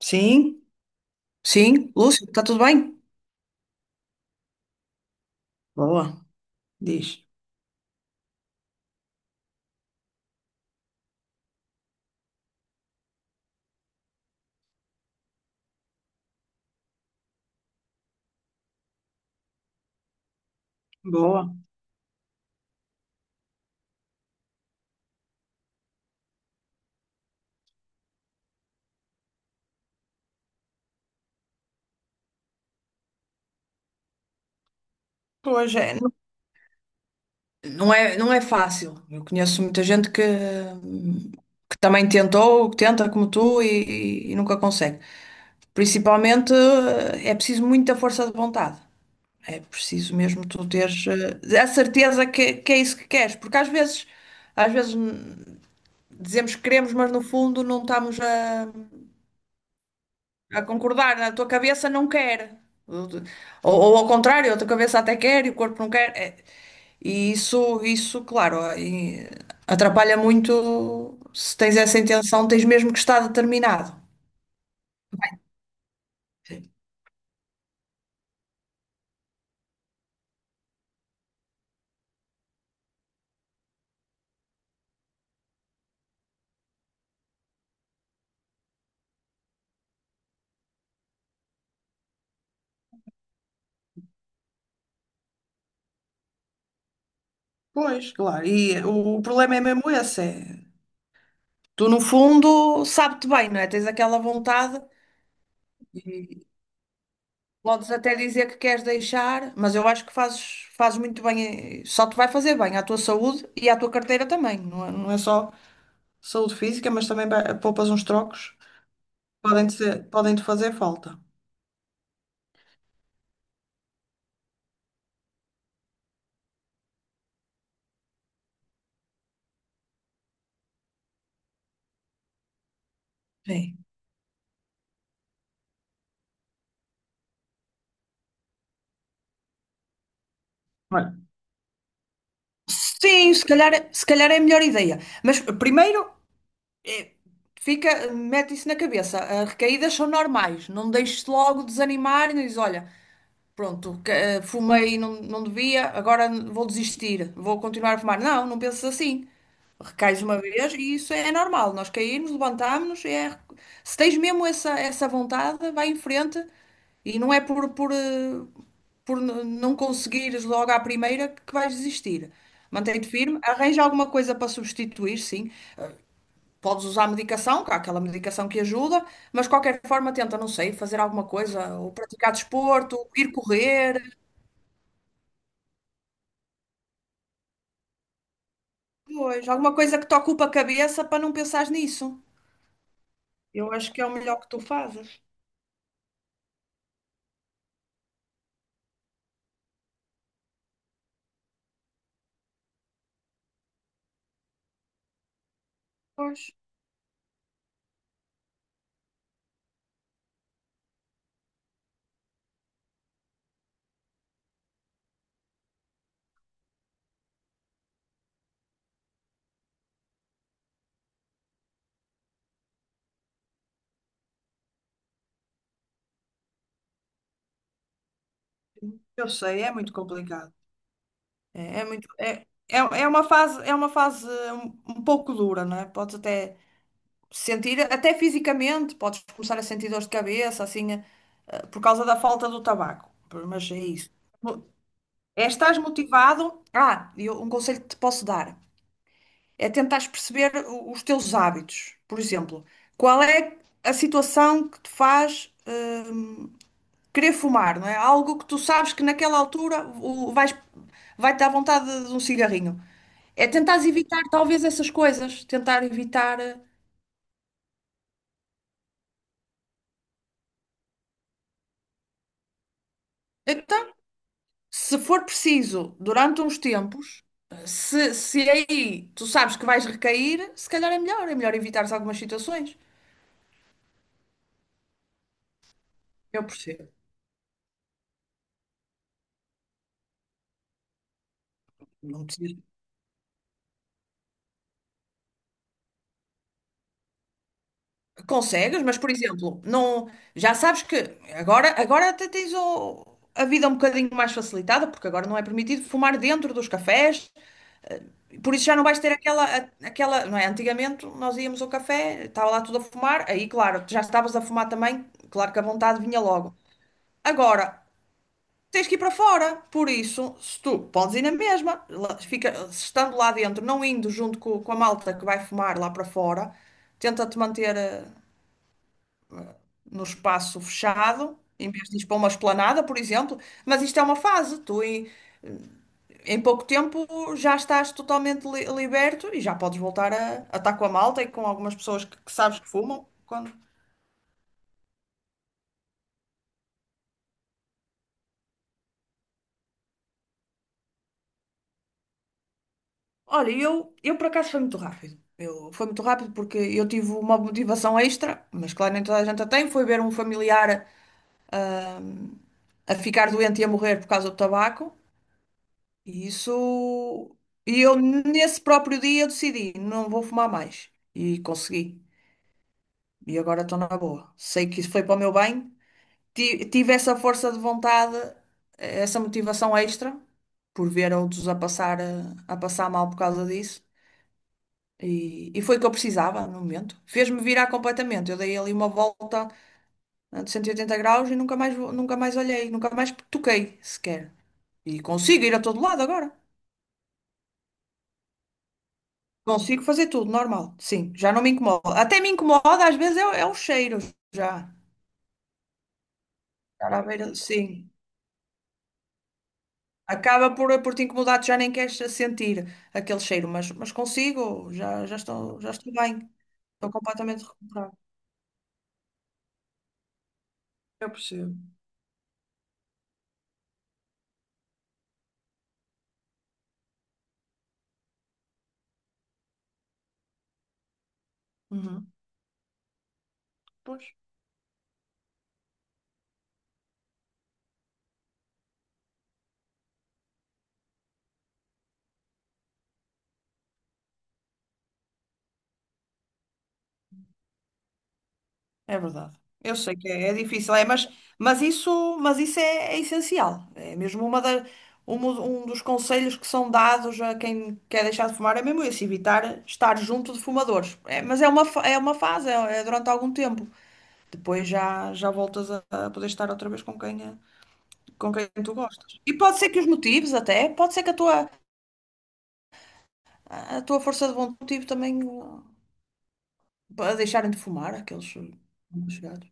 Sim, sim. Lúcio, está tudo bem? Boa, diz. Boa. Pois é, não é, não é fácil. Eu conheço muita gente que também tentou, que tenta como tu e nunca consegue. Principalmente é preciso muita força de vontade. É preciso mesmo tu teres a certeza que é isso que queres. Porque às vezes, às vezes, dizemos que queremos, mas no fundo não estamos a concordar, a tua cabeça não quer. Ou ao contrário, a tua cabeça até quer e o corpo não quer. É. E isso, claro, e atrapalha muito se tens essa intenção, tens mesmo que estar determinado. Sim. Pois, claro. E o problema é mesmo esse. É... Tu, no fundo, sabe-te bem, não é? Tens aquela vontade e podes até dizer que queres deixar, mas eu acho que fazes, fazes muito bem, só te vai fazer bem à tua saúde e à tua carteira também, não é, não é só. Saúde física, mas também ba- poupas uns trocos, podem te, ser- podem te fazer falta. Sim. Olha, sim, se calhar, é, se calhar é a melhor ideia. Mas primeiro, eh, fica, mete isso na cabeça. As recaídas são normais. Não deixes logo desanimar e diz, olha, pronto, que- fumei e não, não devia, agora vou desistir, vou continuar a fumar. Não, não penses assim. Recais uma vez e isso é normal. Nós caímos, levantámos-nos. É... Se tens mesmo essa, essa vontade, vai em frente e não é por, por n- não conseguires logo à primeira que vais desistir. Mantém-te firme, arranja alguma coisa para substituir, sim. Podes usar medicação, que há aquela medicação que ajuda, mas de qualquer forma tenta, não sei, fazer alguma coisa, ou praticar desporto, ir correr. Pois, alguma coisa que te ocupa a cabeça para não pensares nisso. Eu acho que é o melhor que tu fazes. Pois. Eu sei, é muito complicado. É, é muito, é, é, é uma fase um, um pouco dura, não é? Podes até sentir, até fisicamente, podes começar a sentir dores de cabeça, assim, por causa da falta do tabaco. Mas é isso. Mo- é, estás motivado? Ah, e eu- um conselho que te posso dar é tentares perceber o- os teus hábitos. Por exemplo, qual é a situação que te faz querer fumar, não é? Algo que tu sabes que naquela altura o- vais, vai-te dar vontade de um cigarrinho. É tentar evitar talvez essas coisas, tentar evitar. Então, se for preciso, durante uns tempos, se aí tu sabes que vais recair, se calhar é melhor evitares algumas situações. Eu percebo. Não preciso. Consegues, mas por exemplo, não, já sabes que agora, agora até tens o- a vida um bocadinho mais facilitada, porque agora não é permitido fumar dentro dos cafés. Por isso já não vais ter aquela, a- aquela, não é? Antigamente nós íamos ao café, estava lá tudo a fumar, aí claro, tu já estavas a fumar também, claro que a vontade vinha logo. Agora, tens que ir para fora, por isso, se tu podes ir na mesma, lá- fica, se estando lá dentro, não indo junto co- com, a malta que vai fumar lá para fora, tenta-te manter no espaço fechado, em vez de ir para uma esplanada, por exemplo, mas isto é uma fase, tu, e- em pouco tempo já estás totalmente li- liberto e já podes voltar a estar com a malta e com algumas pessoas que sabes que fumam. Quando... Olha, eu por acaso foi muito rápido. Eu, foi muito rápido porque eu tive uma motivação extra, mas claro, nem toda a gente a tem. Foi ver um familiar a ficar doente e a morrer por causa do tabaco. E isso. E eu, nesse próprio dia, eu decidi: não vou fumar mais. E consegui. E agora estou na boa. Sei que isso foi para o meu bem, ti- tive essa força de vontade, essa motivação extra, por ver outros a passar, a passar mal por causa disso. E foi o que eu precisava no momento. Fez-me virar completamente. Eu dei ali uma volta de 180 graus e nunca mais, vo- nunca mais olhei, nunca mais toquei sequer. E consigo ir a todo lado agora. Consigo fazer tudo, normal. Sim, já não me incomoda. Até me incomoda, às vezes, é, o- é o cheiro já. Estar à beira, sim. Acaba por te incomodar, tu já nem queres sentir aquele cheiro, mas consigo, já, já estou bem, estou completamente recuperada. Eu percebo. Uhum. Pois, é verdade. Eu sei que é, é difícil, é, mas isso é, é essencial. É mesmo uma da, um, um dos conselhos que são dados a quem quer deixar de fumar, é mesmo esse, evitar estar junto de fumadores. É, mas é uma, fa- é uma fase, é, é durante algum tempo. Depois já, já voltas a poder estar outra vez com quem, é com quem tu gostas. E pode ser que os motivos até, pode ser que a tua, a tua força de vontade também a deixarem de fumar aqueles chegados.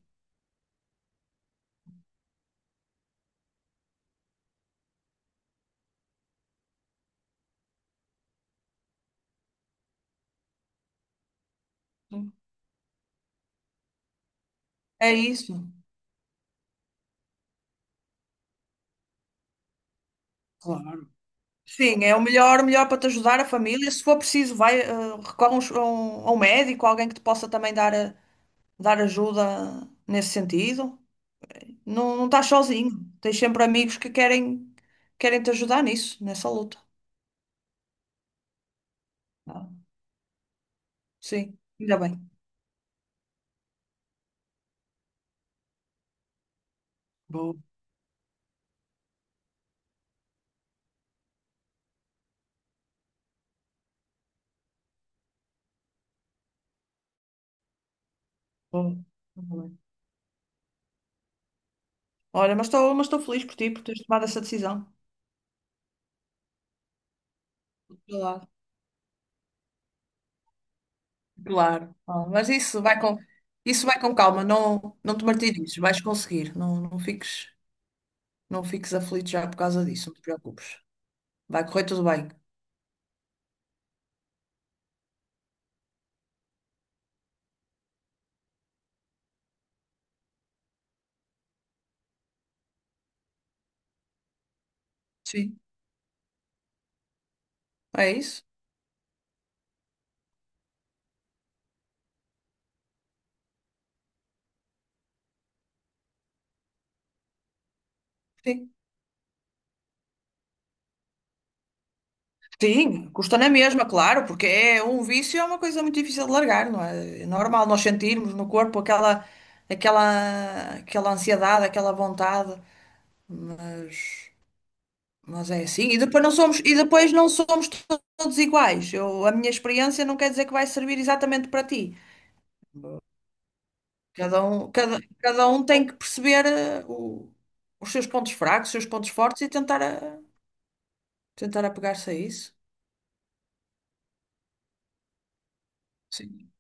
Hum. É isso. Claro. Sim, é o melhor, melhor para te ajudar a família. Se for preciso, vai, recorre a um, a um- a um médico, alguém que te possa também dar, dar ajuda nesse sentido. Não, não estás sozinho. Tens sempre amigos que querem, querem te ajudar nisso, nessa luta. Ah, sim, ainda bem. Boa, boa. Ainda bem. Olha, mas estou feliz por ti, por teres tomado essa decisão. Claro, claro. Ah, mas isso vai com calma, não, não te martirizes, vais conseguir, não, não fiques, não fiques aflito já por causa disso, não te preocupes. Vai correr tudo bem. Sim. É isso? Sim. Sim, custa na mesma, claro, porque é um vício é uma coisa muito difícil de largar, não é? É normal nós sentirmos no corpo aquela, aquela, aquela ansiedade, aquela vontade, mas Mas é assim. E depois não somos, e depois não somos to- todos iguais. Eu, a minha experiência não quer dizer que vai servir exatamente para ti. Cada um, cada, cada um tem que perceber o- os seus pontos fracos, os seus pontos fortes e tentar, a- tentar apegar-se a isso. Sim,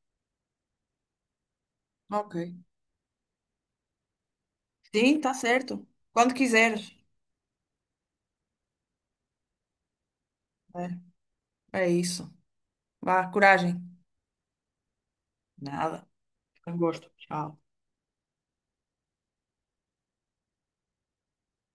ok. Sim, está certo. Quando quiseres. É, é isso. Vá, coragem. Nada. Foi um gosto. Tchau.